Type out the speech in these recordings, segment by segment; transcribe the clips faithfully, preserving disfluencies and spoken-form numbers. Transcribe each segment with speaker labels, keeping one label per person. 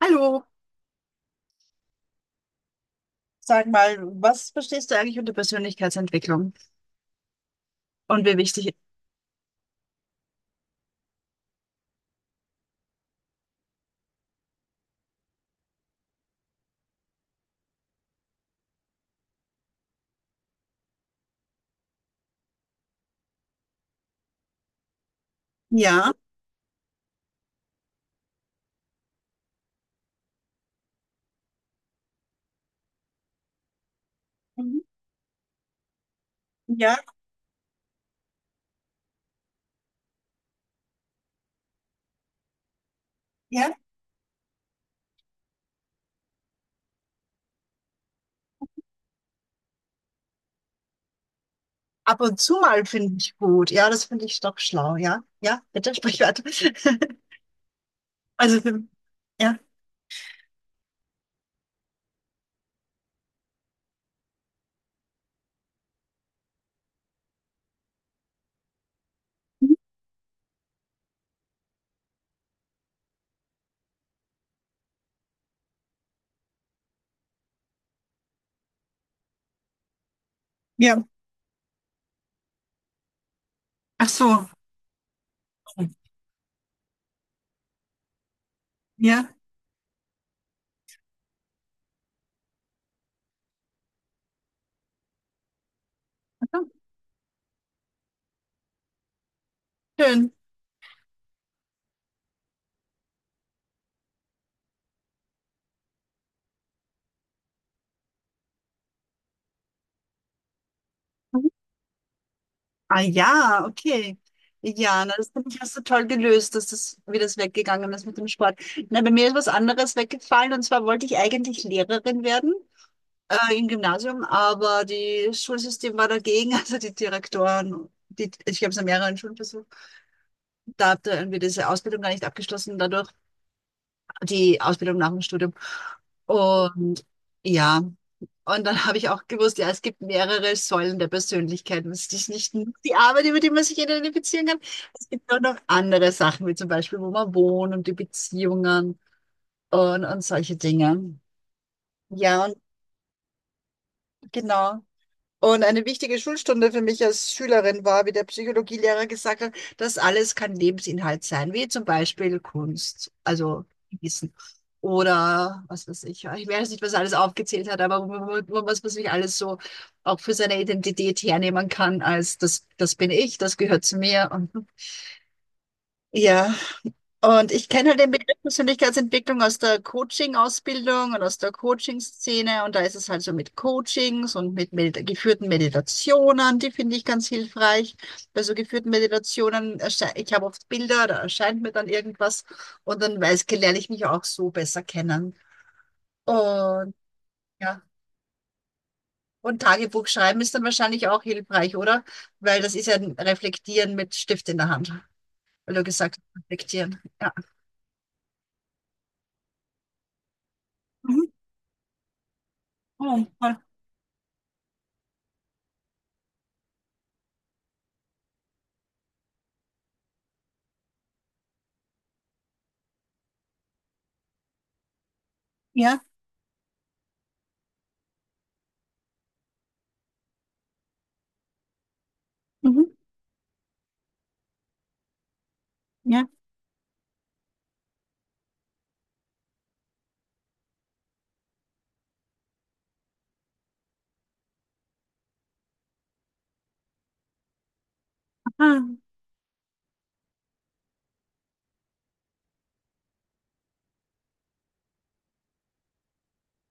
Speaker 1: Hallo, sag mal, was verstehst du eigentlich unter Persönlichkeitsentwicklung und wie wichtig? Ja, mhm, ja, ja. Ab und zu mal finde ich gut. Ja, das finde ich doch schlau. Ja, ja, bitte sprich weiter. Also, für- ja. Mhm. Ja. Ach so. Ja. Ach so, Schön. Mhm. Ah ja, okay. Ja, na, das finde ich hast du toll gelöst, dass das, wie das weggegangen ist mit dem Sport. Na, bei mir ist was anderes weggefallen und zwar wollte ich eigentlich Lehrerin werden, äh, im Gymnasium, aber das Schulsystem war dagegen, also die Direktoren. Die, ich habe es an mehreren Schulen versucht. Da habt ihr irgendwie diese Ausbildung gar nicht abgeschlossen, dadurch die Ausbildung nach dem Studium. Und ja, und dann habe ich auch gewusst, ja, es gibt mehrere Säulen der Persönlichkeit. Es ist nicht nur die Arbeit, über die man sich identifizieren kann. Es gibt auch noch andere Sachen, wie zum Beispiel, wo man wohnt und die Beziehungen und, und solche Dinge. Ja, und genau. Und eine wichtige Schulstunde für mich als Schülerin war, wie der Psychologielehrer gesagt hat, das alles kann Lebensinhalt sein, wie zum Beispiel Kunst, also Wissen. Oder was weiß ich, ich weiß nicht, was er alles aufgezählt hat, aber wo man- wo man- was man sich alles so auch für seine Identität hernehmen kann, als das, das bin ich, das gehört zu mir. Und ja. Und ich kenne halt den Begriff Persönlichkeitsentwicklung aus der Coaching-Ausbildung und aus der Coaching-Szene. Und da ist es halt so mit Coachings und mit Medi geführten Meditationen, die finde ich ganz hilfreich. Bei so geführten Meditationen, erschei- ich habe oft Bilder, da erscheint mir dann irgendwas und dann weiß, lerne ich mich auch so besser kennen. Und ja, und Tagebuch schreiben ist dann wahrscheinlich auch hilfreich, oder? Weil das ist ja ein Reflektieren mit Stift in der Hand, weil du gesagt hast, reflektieren. Ja. Mhm. Oh, voll. Ja. Mhm. Ja. Ah.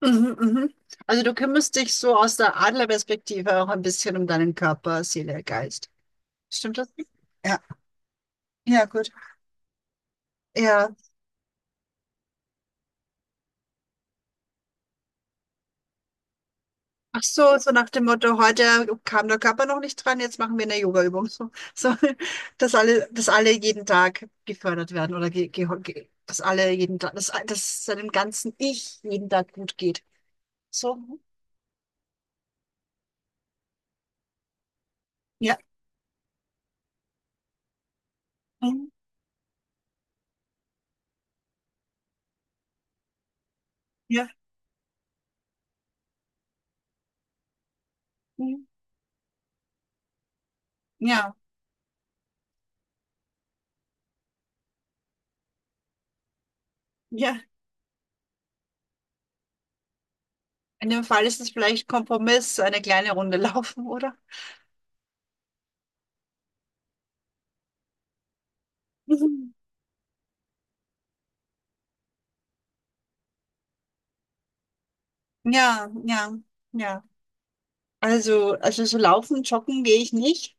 Speaker 1: Mhm, mhm. Also du kümmerst dich so aus der Adlerperspektive auch ein bisschen um deinen Körper, Seele, Geist. Stimmt das? Ja, ja, gut. Ja. Ach so, so nach dem Motto, heute kam der Körper noch nicht dran, jetzt machen wir eine Yoga-Übung. So, so, dass alle, dass alle jeden Tag gefördert werden oder ge, ge, ge, dass alle jeden Tag, dass, dass seinem ganzen Ich jeden Tag gut geht. So, ja, mhm, ja, mhm, ja, ja. In dem Fall ist es vielleicht Kompromiss, eine kleine Runde laufen, oder? Mhm. Ja, ja, ja. Also, also so laufen, joggen gehe ich nicht,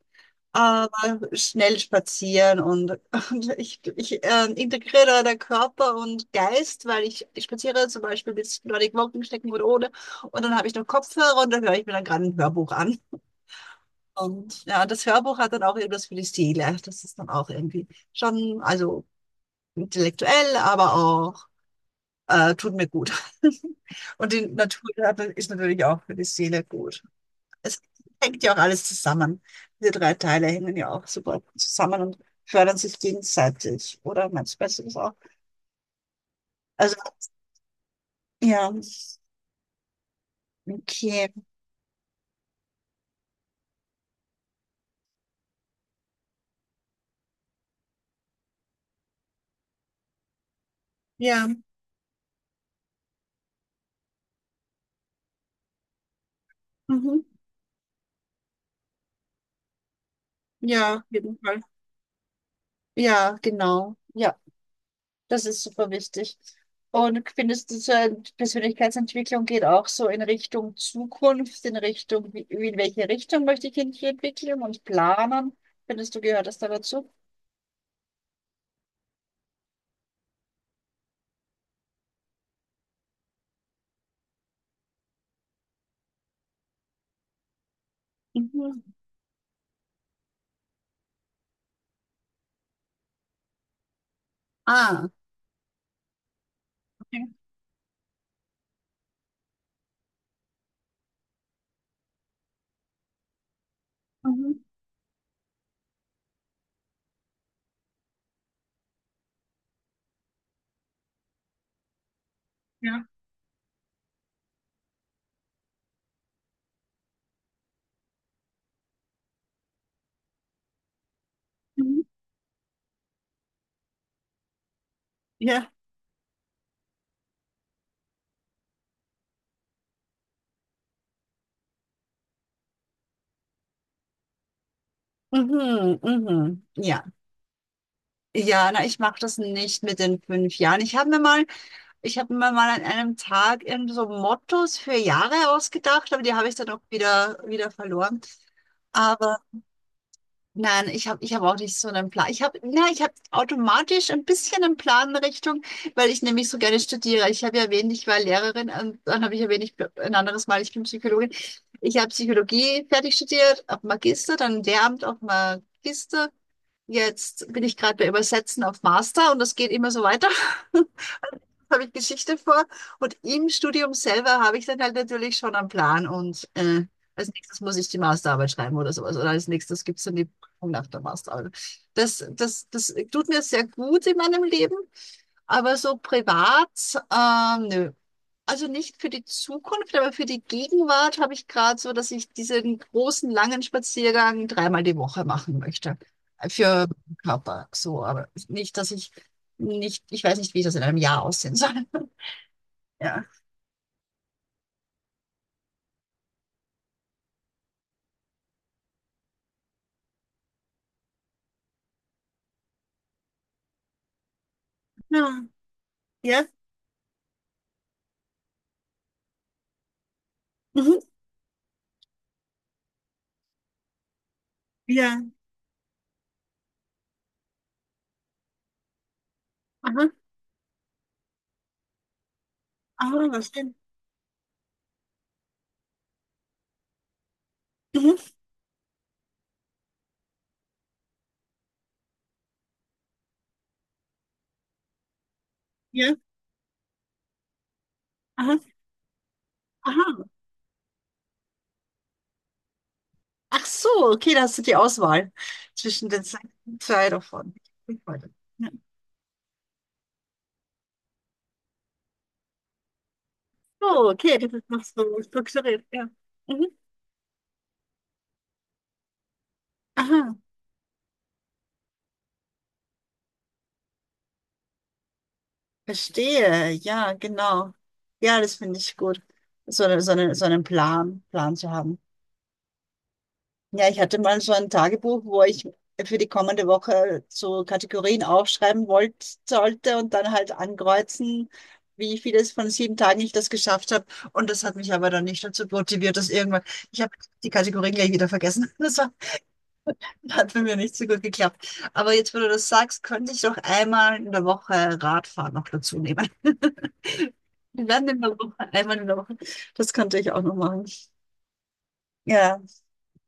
Speaker 1: aber schnell spazieren und, und ich, ich äh, integriere da der Körper und Geist, weil ich, ich spaziere zum Beispiel bis Nordic Walking stecken oder ohne und dann habe ich noch Kopfhörer und dann höre ich mir dann gerade ein Hörbuch an. Und ja, das Hörbuch hat dann auch irgendwas für die Seele. Das ist dann auch irgendwie schon, also intellektuell, aber auch Äh, tut mir gut. Und die Natur ist natürlich auch für die Seele gut. Es hängt ja auch alles zusammen. Diese drei Teile hängen ja auch super zusammen und fördern sich gegenseitig. Oder meinst du besser das auch? Also, ja, okay. Ja, mhm. Ja, auf jeden Fall. Ja, genau. Ja. Das ist super wichtig. Und findest du, so eine Persönlichkeitsentwicklung geht auch so in Richtung Zukunft, in Richtung, wie, wie- in welche Richtung möchte ich mich entwickeln und planen? Findest du, gehört das da dazu? Mhm. Ah, okay. Mhm. Ja. Mhm. Ja. Mhm. Mhm. Ja. Ja, na, ich mache das nicht mit den fünf Jahren. Ich habe mir mal, ich habe mir mal an einem Tag irgendwie so Mottos für Jahre ausgedacht, aber die habe ich dann auch wieder, wieder verloren. Aber Nein, ich habe ich hab auch nicht so einen Plan. Ich habe, na, ich habe automatisch ein bisschen einen Plan in Richtung, weil ich nämlich so gerne studiere. Ich habe ja erwähnt, ich war Lehrerin und dann habe ich erwähnt, ich bin ein anderes Mal, ich bin Psychologin. Ich habe Psychologie fertig studiert, auf Magister, dann im Lehramt auf Magister. Jetzt bin ich gerade bei Übersetzen auf Master und das geht immer so weiter. habe ich Geschichte vor und im Studium selber habe ich dann halt natürlich schon einen Plan und äh, als nächstes muss ich die Masterarbeit schreiben oder sowas oder als nächstes gibt es dann die Prüfung nach der Masterarbeit. Das, das, das tut mir sehr gut in meinem Leben, aber so privat, ähm, nö. Also nicht für die Zukunft, aber für die Gegenwart habe ich gerade so, dass ich diesen großen, langen Spaziergang dreimal die Woche machen möchte. Für den Körper so, aber nicht, dass ich nicht, ich weiß nicht, wie das in einem Jahr aussehen soll. Ja. Ja. Ja. Mhm. Ja. Aha. Aha, was denn? Mhm. Ja. Aha. Aha. Ach so, okay, da hast du die Auswahl zwischen den Seiten- zwei davon. Ich wollte- Ja. Oh, okay, das ist noch so strukturiert. Ja. Mhm. Aha. Verstehe. Ja, genau. Ja, das finde ich gut. So, eine- so, eine, so einen Plan, Plan zu haben. Ja, ich hatte mal so ein Tagebuch, wo ich für die kommende Woche so Kategorien aufschreiben wollte, sollte und dann halt ankreuzen, wie vieles von sieben Tagen ich das geschafft habe. Und das hat mich aber dann nicht dazu motiviert, dass irgendwann, ich habe die Kategorien gleich wieder vergessen. Das war, hat bei mir nicht so gut geklappt. Aber jetzt, wo du das sagst, könnte ich doch einmal in der Woche Radfahren noch dazu nehmen. Wir werden in der Woche, einmal in der Woche. Das könnte ich auch noch machen. Ja,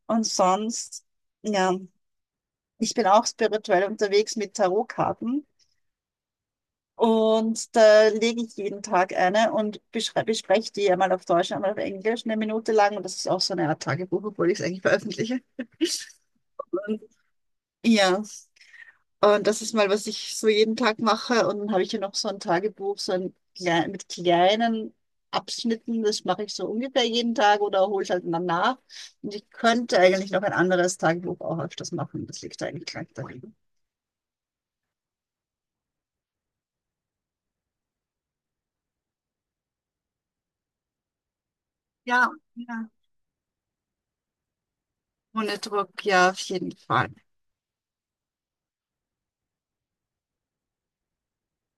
Speaker 1: und sonst, ja. Ich bin auch spirituell unterwegs mit Tarotkarten und da lege ich jeden Tag eine und beschrei- bespreche die einmal auf Deutsch, einmal auf Englisch, eine Minute lang. Und das ist auch so eine Art Tagebuch, obwohl ich es eigentlich veröffentliche. Und, ja, und das ist mal, was ich so jeden Tag mache. Und dann habe ich hier noch so ein Tagebuch, so ein klei- mit kleinen Abschnitten. Das mache ich so ungefähr jeden Tag oder hole es halt dann nach. Und ich könnte eigentlich noch ein anderes Tagebuch auch öfters machen. Das liegt eigentlich gleich dahin. Ja, ja. Ohne Druck, ja, auf jeden Fall.